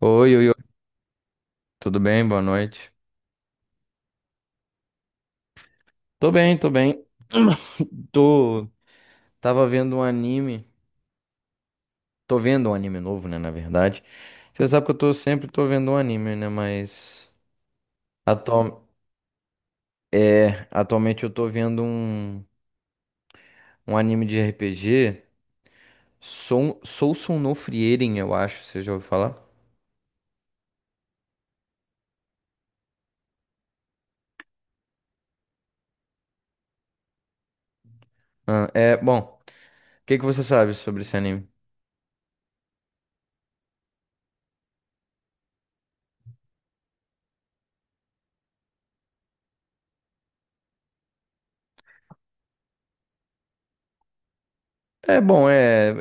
Oi, oi, oi, tudo bem? Boa noite. Tô bem, tô bem. Tô. Tava vendo um anime. Tô vendo um anime novo, né? Na verdade. Você sabe que eu tô sempre tô vendo um anime, né? Mas. Atual... É, atualmente eu tô vendo um anime de RPG. Sou Sousou no Frieren, eu acho. Você já ouviu falar? Ah, é, bom. O que que você sabe sobre esse anime? É bom, é.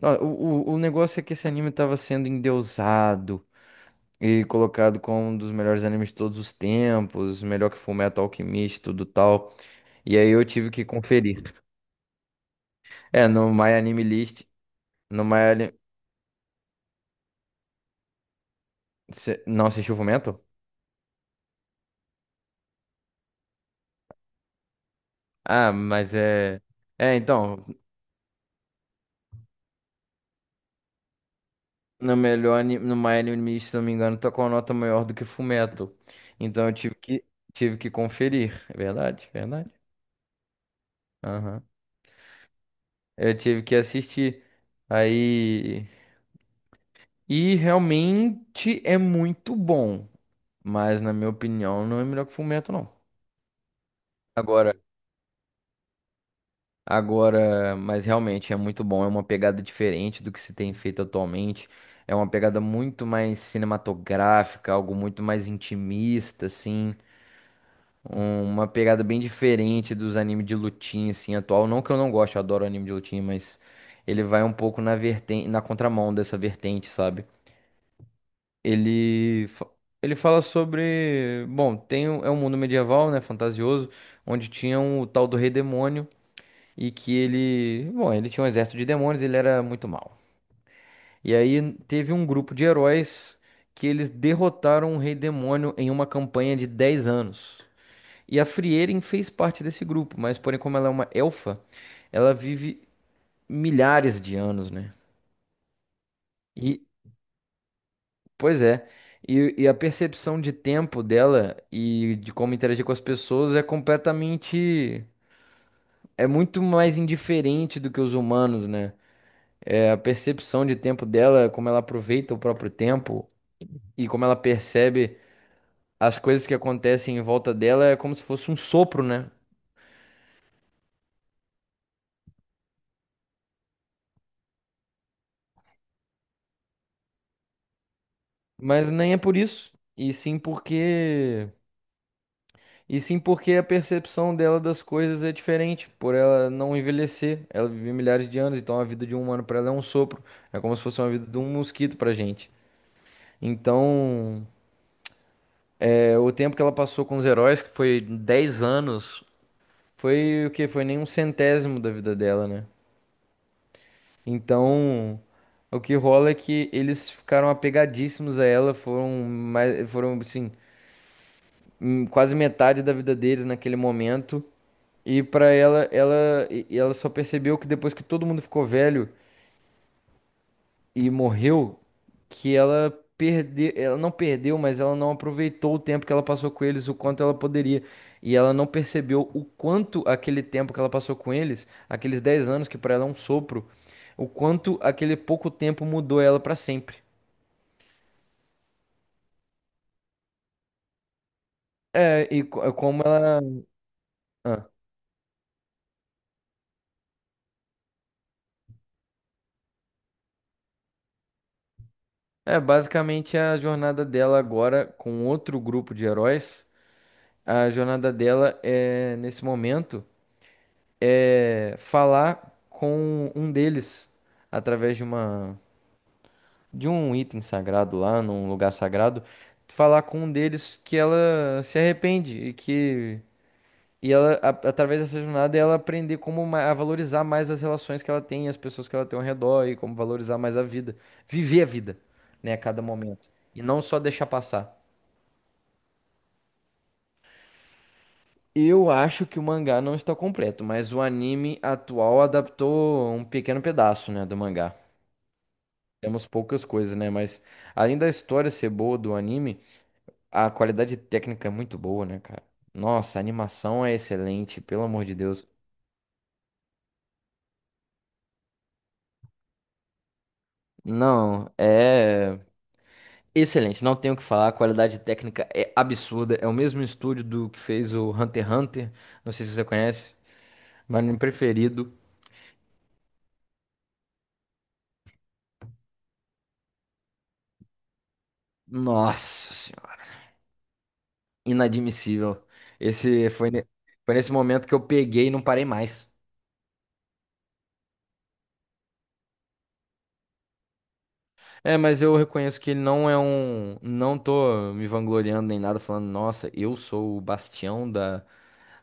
Não, o negócio é que esse anime tava sendo endeusado. E colocado como um dos melhores animes de todos os tempos, melhor que Fullmetal Alchemist, tudo tal. E aí eu tive que conferir. É, no My Anime List, no My Ani- não assistiu Fullmetal? Ah, mas é. É, então, no My Anime List, se não me engano, tá com a nota maior do que Fullmetal. Então eu tive que conferir, é verdade, é verdade. Aham. Eu tive que assistir. Aí e realmente é muito bom. Mas, na minha opinião, não é melhor que Fullmetal, não. Agora, agora, mas realmente é muito bom. É uma pegada diferente do que se tem feito atualmente. É uma pegada muito mais cinematográfica, algo muito mais intimista, assim. Uma pegada bem diferente dos animes de lutinha, assim, atual. Não que eu não goste, eu adoro anime de lutinha, mas ele vai um pouco na vertente, na contramão dessa vertente, sabe? Ele, fa- ele fala sobre. Bom, tem, é um mundo medieval, né? Fantasioso, onde tinha o tal do Rei Demônio. E que ele. Bom, ele tinha um exército de demônios, ele era muito mal. E aí teve um grupo de heróis que eles derrotaram o Rei Demônio em uma campanha de 10 anos. E a Frieren fez parte desse grupo, mas porém, como ela é uma elfa, ela vive milhares de anos, né? Pois é. E a percepção de tempo dela e de como interagir com as pessoas é completamente. É muito mais indiferente do que os humanos, né? É a percepção de tempo dela, como ela aproveita o próprio tempo e como ela percebe as coisas que acontecem em volta dela, é como se fosse um sopro, né? Mas nem é por isso. E sim porque E sim porque a percepção dela das coisas é diferente, por ela não envelhecer. Ela vive milhares de anos, então a vida de um humano para ela é um sopro. É como se fosse uma vida de um mosquito pra gente. Então, é, o tempo que ela passou com os heróis, que foi 10 anos, foi o que? Foi nem um centésimo da vida dela, né? Então, o que rola é que eles ficaram apegadíssimos a ela, foram mais, foram assim, quase metade da vida deles naquele momento. E pra ela só percebeu que depois que todo mundo ficou velho e morreu, que ela perdeu, ela não perdeu, mas ela não aproveitou o tempo que ela passou com eles, o quanto ela poderia. E ela não percebeu o quanto aquele tempo que ela passou com eles, aqueles 10 anos que pra ela é um sopro, o quanto aquele pouco tempo mudou ela pra sempre. É, e como ela ah, é basicamente a jornada dela agora com outro grupo de heróis. A jornada dela é, nesse momento, é falar com um deles através de um item sagrado lá, num lugar sagrado, falar com um deles que ela se arrepende e que e ela através dessa jornada ela aprender como a valorizar mais as relações que ela tem, as pessoas que ela tem ao redor e como valorizar mais a vida, viver a vida, né, a cada momento e não só deixar passar. Eu acho que o mangá não está completo, mas o anime atual adaptou um pequeno pedaço, né, do mangá. Temos poucas coisas, né, mas além da história ser boa do anime, a qualidade técnica é muito boa, né, cara? Nossa, a animação é excelente, pelo amor de Deus. Não, é excelente, não tenho o que falar, a qualidade técnica é absurda, é o mesmo estúdio do que fez o Hunter x Hunter, não sei se você conhece, mas meu anime preferido. Nossa, inadmissível. Esse foi, ne- foi nesse momento que eu peguei e não parei mais. É, mas eu reconheço que ele não é um. Não tô me vangloriando nem nada, falando, nossa, eu sou o bastião da,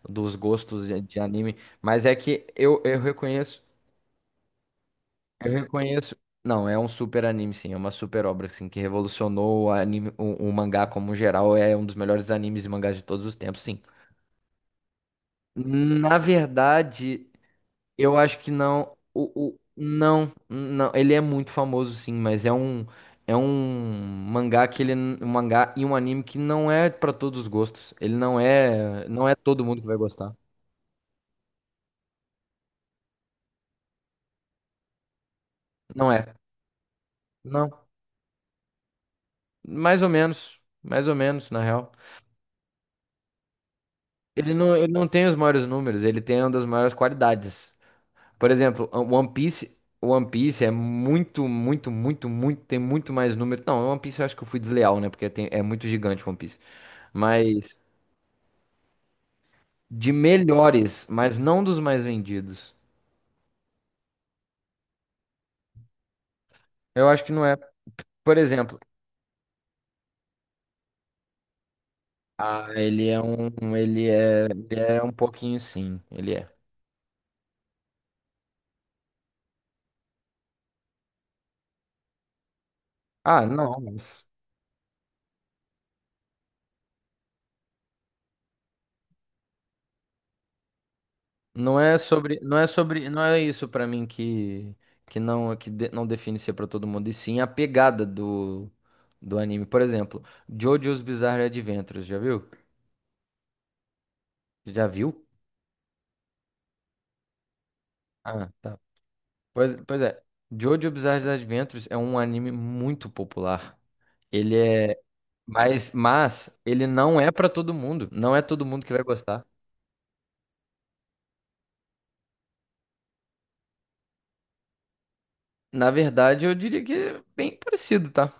dos gostos de anime. Mas é que eu reconheço. Eu reconheço. Não, é um super anime, sim. É uma super obra, assim, que revolucionou o anime, o mangá como geral. É um dos melhores animes e mangás de todos os tempos, sim. Na verdade. Eu acho que não. Não, não. Ele é muito famoso, sim, mas é um. É um mangá e um anime que não é pra todos os gostos. Ele não é, não é todo mundo que vai gostar. Não é. Não. Mais ou menos, na real. Ele não tem os maiores números, ele tem uma das maiores qualidades. Por exemplo, o One Piece é muito, muito, muito, muito, tem muito mais número. Não, o One Piece eu acho que eu fui desleal, né? Porque é muito gigante o One Piece. Mas de melhores, mas não dos mais vendidos. Eu acho que não é. Por exemplo, ele é um pouquinho sim, ele é. Ah, não, mas Não é sobre, não é sobre, não é isso pra mim que não que não define ser pra todo mundo, e sim a pegada do anime. Por exemplo, JoJo's Bizarre Adventures, já viu? Já viu? Ah, tá. Pois, pois é. JoJo Bizarre Adventures é um anime muito popular. Ele é. Mas ele não é pra todo mundo. Não é todo mundo que vai gostar. Na verdade, eu diria que é bem parecido, tá?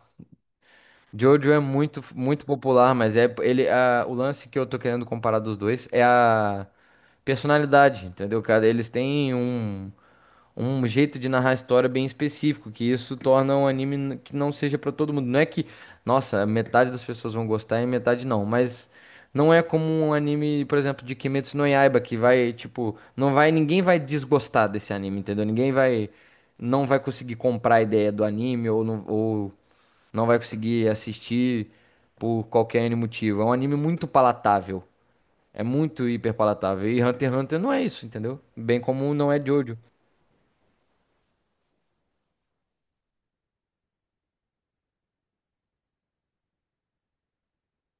Jojo é muito, muito popular, mas é o lance que eu tô querendo comparar dos dois é a personalidade, entendeu, cara? Eles têm um jeito de narrar a história bem específico, que isso torna um anime que não seja pra todo mundo. Não é que, nossa, metade das pessoas vão gostar e metade não, mas não é como um anime, por exemplo, de Kimetsu no Yaiba, que vai, tipo, não vai, ninguém vai desgostar desse anime, entendeu? Ninguém vai, não vai conseguir comprar a ideia do anime ou não vai conseguir assistir por qualquer N motivo. É um anime muito palatável. É muito hiper palatável. E Hunter x Hunter não é isso, entendeu? Bem como não é Jojo.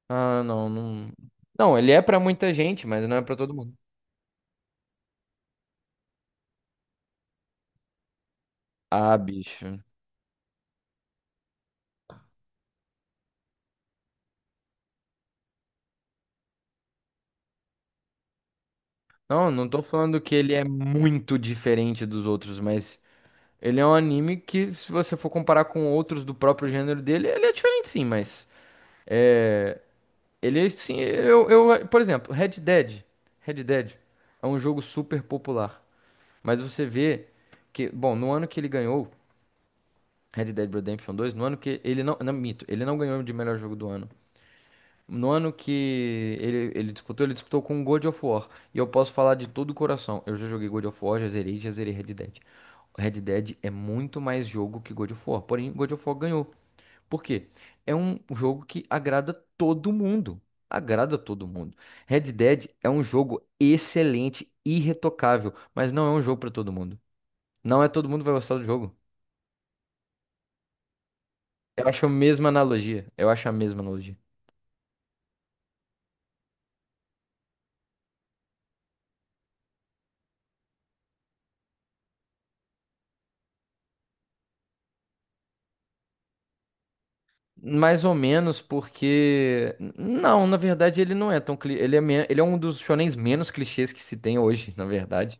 Ah, não, não. Não, ele é pra muita gente, mas não é pra todo mundo. Ah, bicho. Não, não tô falando que ele é muito diferente dos outros, mas ele é um anime que, se você for comparar com outros do próprio gênero dele, ele é diferente sim, mas ele sim, eu, por exemplo, Red Dead. Red Dead é um jogo super popular, mas você vê que, bom, no ano que ele ganhou Red Dead Redemption 2, no ano que ele não, não, mito, ele não ganhou de melhor jogo do ano. No ano que ele disputou com God of War. E eu posso falar de todo o coração. Eu já joguei God of War, já zerei Red Dead. Red Dead é muito mais jogo que God of War. Porém, God of War ganhou. Por quê? É um jogo que agrada todo mundo. Agrada todo mundo. Red Dead é um jogo excelente, irretocável, mas não é um jogo para todo mundo. Não é todo mundo que vai gostar do jogo. Eu acho a mesma analogia. Eu acho a mesma analogia. Mais ou menos, porque. Não, na verdade ele não é tão. Ele é um dos shonens menos clichês que se tem hoje, na verdade.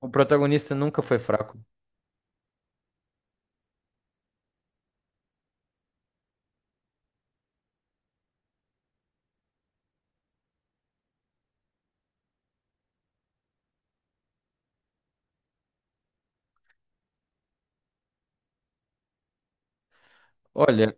O protagonista nunca foi fraco. Olha,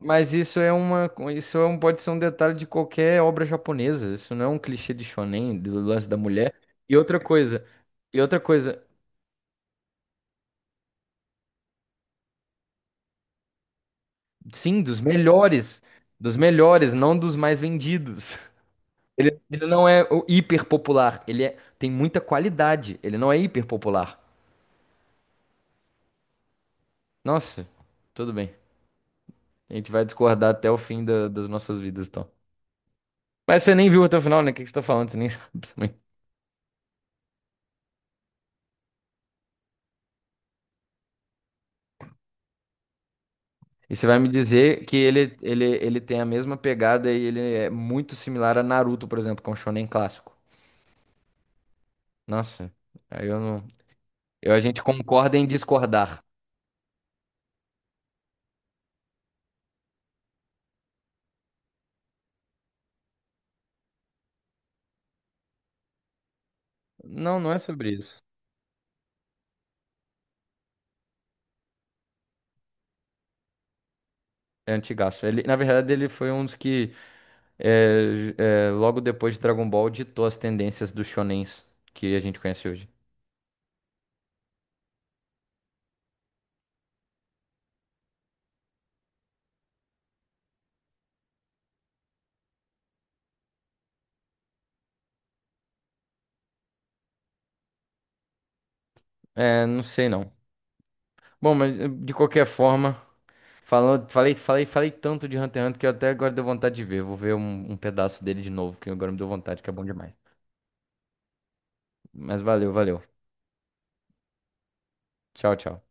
mas isso é uma. Pode ser um detalhe de qualquer obra japonesa. Isso não é um clichê de shonen, do lance da mulher. E outra coisa. E outra coisa. Sim, dos melhores. Dos melhores, não dos mais vendidos. Ele não é o hiper popular. Tem muita qualidade. Ele não é hiper popular. Nossa, tudo bem. A gente vai discordar até o fim das nossas vidas, então. Mas você nem viu até o final, né? O que que você tá falando? Você nem sabe também. E você vai me dizer que ele tem a mesma pegada e ele é muito similar a Naruto, por exemplo, que é um shonen clássico. Nossa, aí eu não. A gente concorda em discordar. Não, não é sobre isso. É antigaço. Ele, na verdade, ele foi um dos que, é, logo depois de Dragon Ball, ditou as tendências dos shonens que a gente conhece hoje. É, não sei não. Bom, mas de qualquer forma, falando, falei, falei, falei tanto de Hunter x Hunter que eu até agora deu vontade de ver. Vou ver um, pedaço dele de novo, que agora me deu vontade, que é bom demais. Mas valeu, valeu. Tchau, tchau.